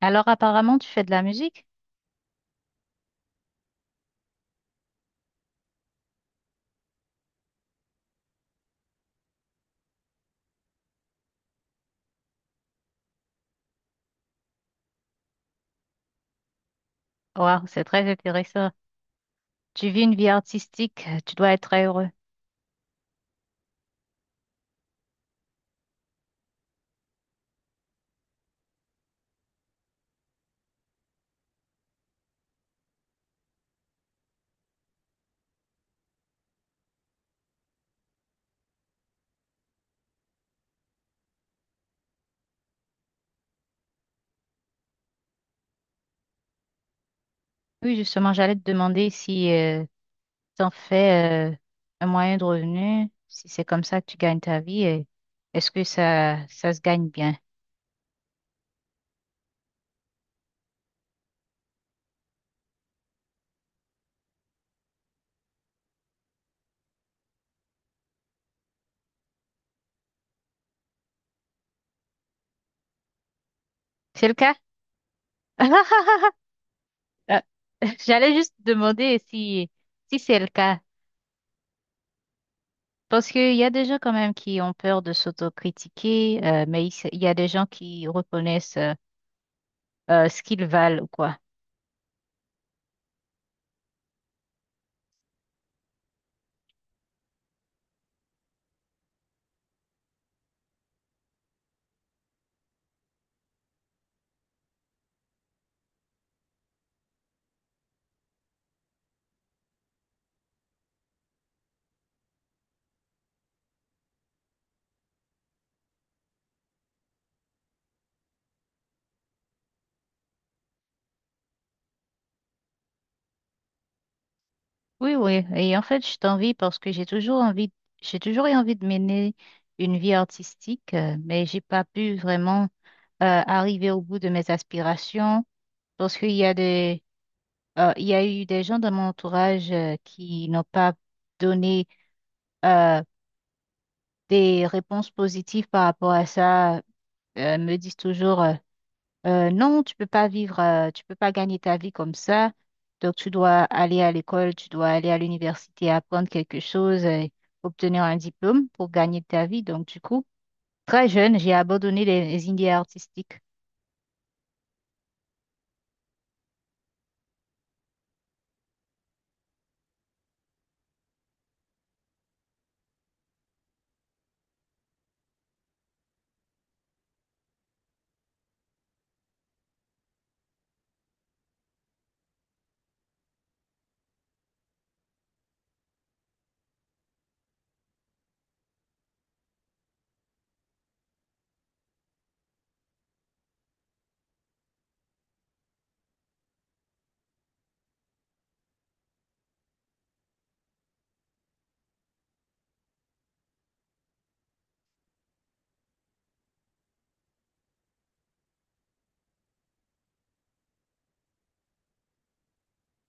Alors apparemment, tu fais de la musique? Waouh, c'est très intéressant. Tu vis une vie artistique, tu dois être très heureux. Oui, justement, j'allais te demander si tu en fais un moyen de revenu, si c'est comme ça que tu gagnes ta vie, et est-ce que ça se gagne bien? C'est le cas? Ah, j'allais juste demander si, si c'est le cas. Parce qu'il y a des gens quand même qui ont peur de s'autocritiquer, mais il y a des gens qui reconnaissent ce qu'ils valent ou quoi. Oui, oui. Et en fait, je t'envie parce que j'ai toujours envie, j'ai toujours eu envie de mener une vie artistique, mais j'ai pas pu vraiment arriver au bout de mes aspirations parce qu'il y a il y a eu des gens dans mon entourage qui n'ont pas donné euh, des réponses positives par rapport à ça. Me disent toujours non, tu peux pas vivre, tu peux pas gagner ta vie comme ça. Donc, tu dois aller à l'école, tu dois aller à l'université, apprendre quelque chose, obtenir un diplôme pour gagner ta vie. Donc, du coup, très jeune, j'ai abandonné les idées artistiques.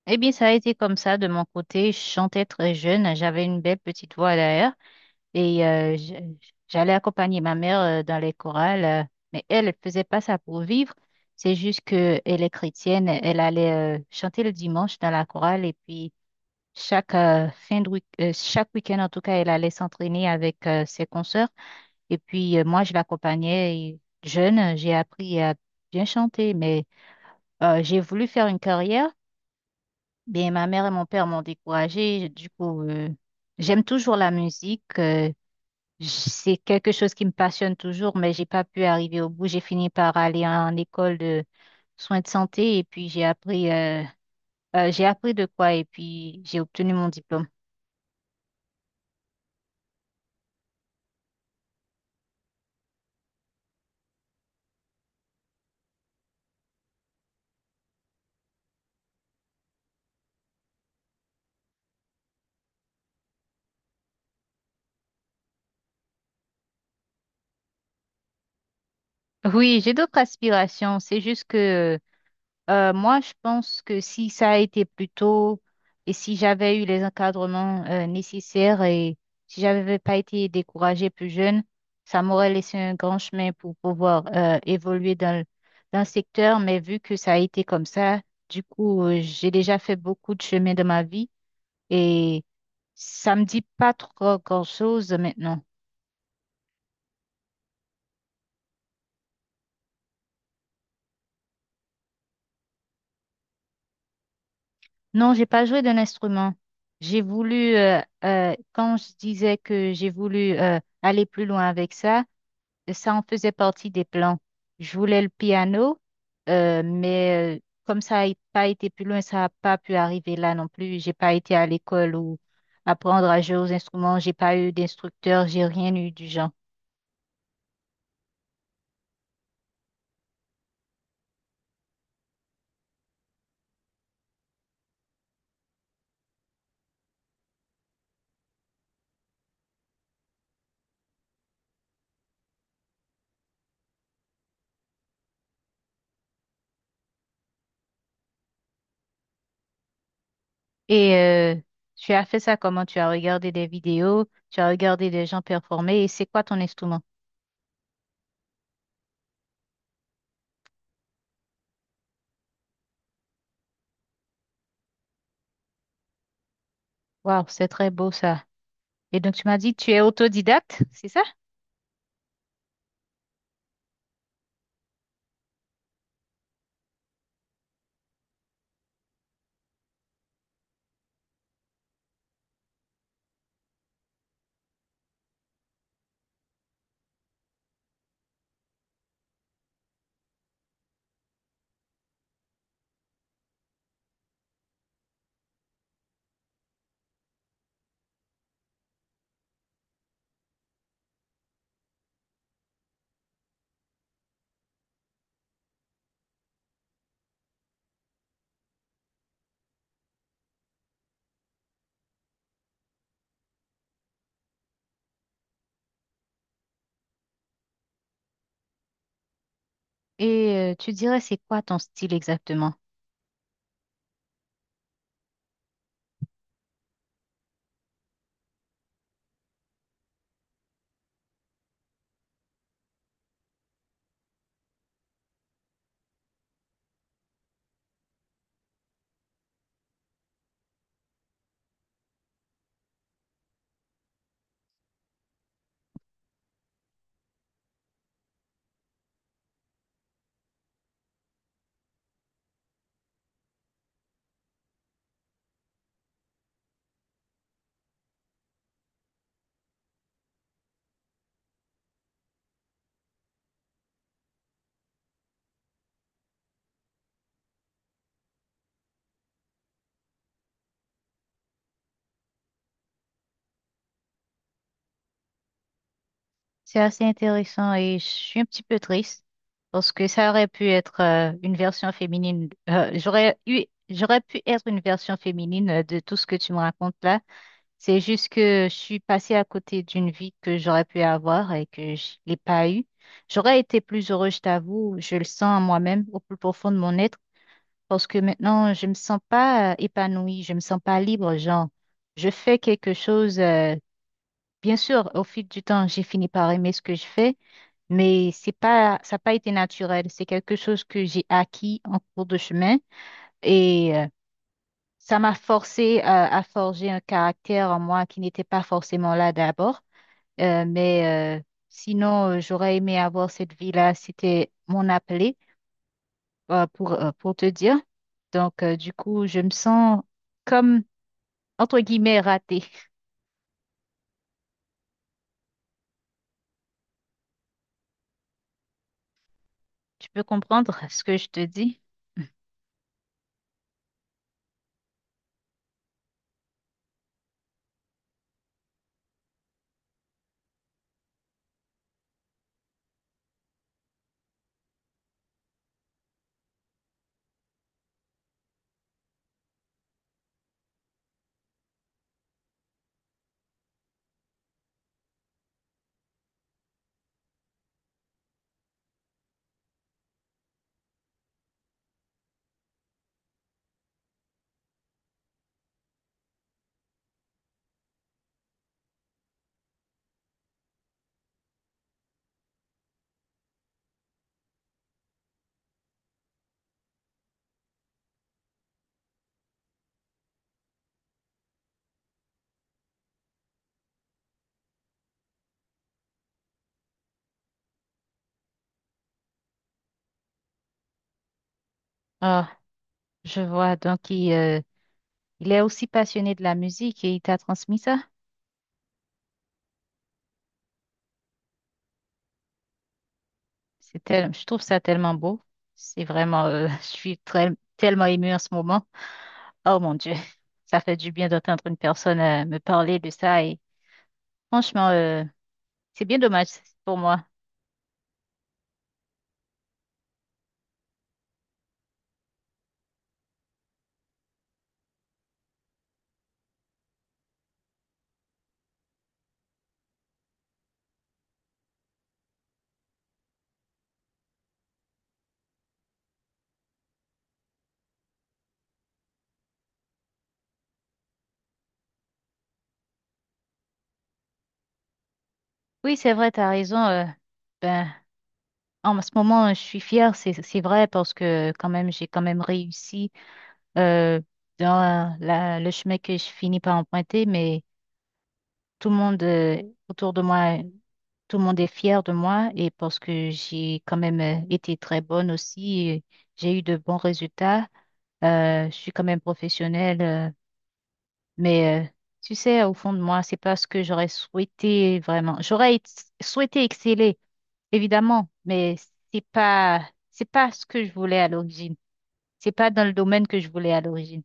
Eh bien, ça a été comme ça de mon côté. Je chantais très jeune, j'avais une belle petite voix d'ailleurs, et je- j'allais accompagner ma mère dans les chorales. Mais elle, elle faisait pas ça pour vivre. C'est juste que elle est chrétienne, elle allait chanter le dimanche dans la chorale et puis chaque chaque week-end, en tout cas, elle allait s'entraîner avec ses consoeurs. Et puis, moi, je l'accompagnais et jeune. J'ai appris à bien chanter, mais j'ai voulu faire une carrière. Mais ma mère et mon père m'ont découragée. Du coup, j'aime toujours la musique. C'est quelque chose qui me passionne toujours, mais j'ai pas pu arriver au bout. J'ai fini par aller en école de soins de santé et puis j'ai appris de quoi et puis j'ai obtenu mon diplôme. Oui, j'ai d'autres aspirations. C'est juste que moi, je pense que si ça a été plus tôt et si j'avais eu les encadrements nécessaires et si j'avais pas été découragée plus jeune, ça m'aurait laissé un grand chemin pour pouvoir évoluer dans le secteur. Mais vu que ça a été comme ça, du coup, j'ai déjà fait beaucoup de chemin de ma vie et ça me dit pas trop grand-chose maintenant. Non, j'ai pas joué d'un instrument. J'ai voulu, quand je disais que j'ai voulu aller plus loin avec ça, ça en faisait partie des plans. Je voulais le piano, euh, mais euh, comme ça n'a pas été plus loin, ça n'a pas pu arriver là non plus. J'ai pas été à l'école ou apprendre à jouer aux instruments. J'ai pas eu d'instructeur, j'ai rien eu du genre. Et tu as fait ça comment? Tu as regardé des vidéos, tu as regardé des gens performer. Et c'est quoi ton instrument? Waouh, c'est très beau ça. Et donc, tu m'as dit que tu es autodidacte, c'est ça? Et tu dirais, c'est quoi ton style exactement? C'est assez intéressant et je suis un petit peu triste parce que ça aurait pu être une version féminine. J'aurais eu, j'aurais pu être une version féminine de tout ce que tu me racontes là. C'est juste que je suis passée à côté d'une vie que j'aurais pu avoir et que je l'ai pas eue. J'aurais été plus heureuse, je t'avoue, je le sens en moi-même, au plus profond de mon être. Parce que maintenant, je me sens pas épanouie, je me sens pas libre, genre, je fais quelque chose, bien sûr, au fil du temps, j'ai fini par aimer ce que je fais, mais c'est pas, ça n'a pas été naturel, c'est quelque chose que j'ai acquis en cours de chemin et ça m'a forcé à forger un caractère en moi qui n'était pas forcément là d'abord, Euh, mais euh, sinon, j'aurais aimé avoir cette vie-là, c'était mon appelé. Pour te dire. Donc, du coup, je me sens comme, entre guillemets, ratée. Tu peux comprendre ce que je te dis? Ah, je vois. Donc, il est aussi passionné de la musique et il t'a transmis ça. Je trouve ça tellement beau. C'est vraiment, je suis très, tellement émue en ce moment. Oh mon Dieu, ça fait du bien d'entendre une personne me parler de ça et franchement, c'est bien dommage pour moi. Oui, c'est vrai, t'as raison. Ben, en ce moment, je suis fière, c'est vrai parce que quand même, j'ai quand même réussi euh, dans le chemin que je finis par emprunter, mais tout le monde autour de moi, tout le monde est fier de moi et parce que j'ai quand même été très bonne aussi, et j'ai eu de bons résultats. Je suis quand même professionnelle. Mais euh, Tu sais, au fond de moi, c'est pas ce que j'aurais souhaité vraiment. Souhaité exceller, évidemment, mais c'est pas c'est pas ce que je voulais à l'origine. C'est pas dans le domaine que je voulais à l'origine.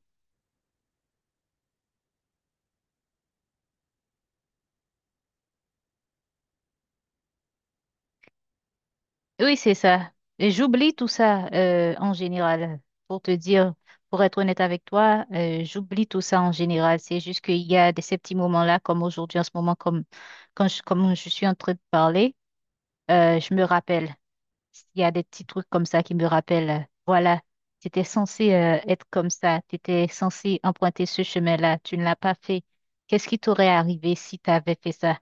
Oui, c'est ça. Et j'oublie tout ça en général. Pour te dire, pour être honnête avec toi, j'oublie tout ça en général. C'est juste qu'il y a des, ces petits moments-là, comme aujourd'hui en ce moment, comme je suis en train de parler, je me rappelle. Il y a des petits trucs comme ça qui me rappellent, voilà, tu étais censé être comme ça, tu étais censé emprunter ce chemin-là, tu ne l'as pas fait. Qu'est-ce qui t'aurait arrivé si tu avais fait ça?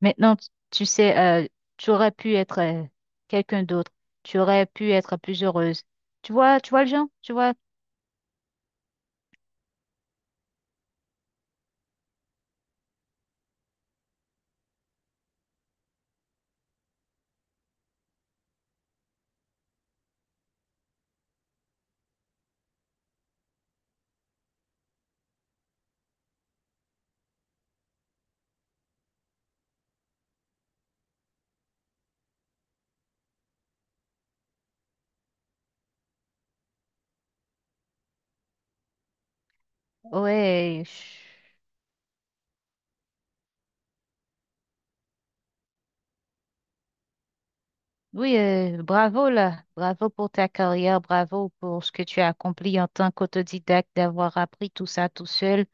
Maintenant, tu sais, tu aurais pu être quelqu'un d'autre, tu aurais pu être plus heureuse. Tu vois le genre, tu vois, ouais, je- oui, bravo là, bravo pour ta carrière, bravo pour ce que tu as accompli en tant qu'autodidacte, d'avoir appris tout ça tout seul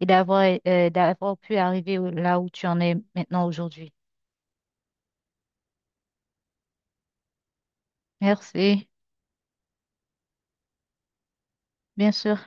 et d'avoir là où tu en es maintenant aujourd'hui. Merci, bien sûr.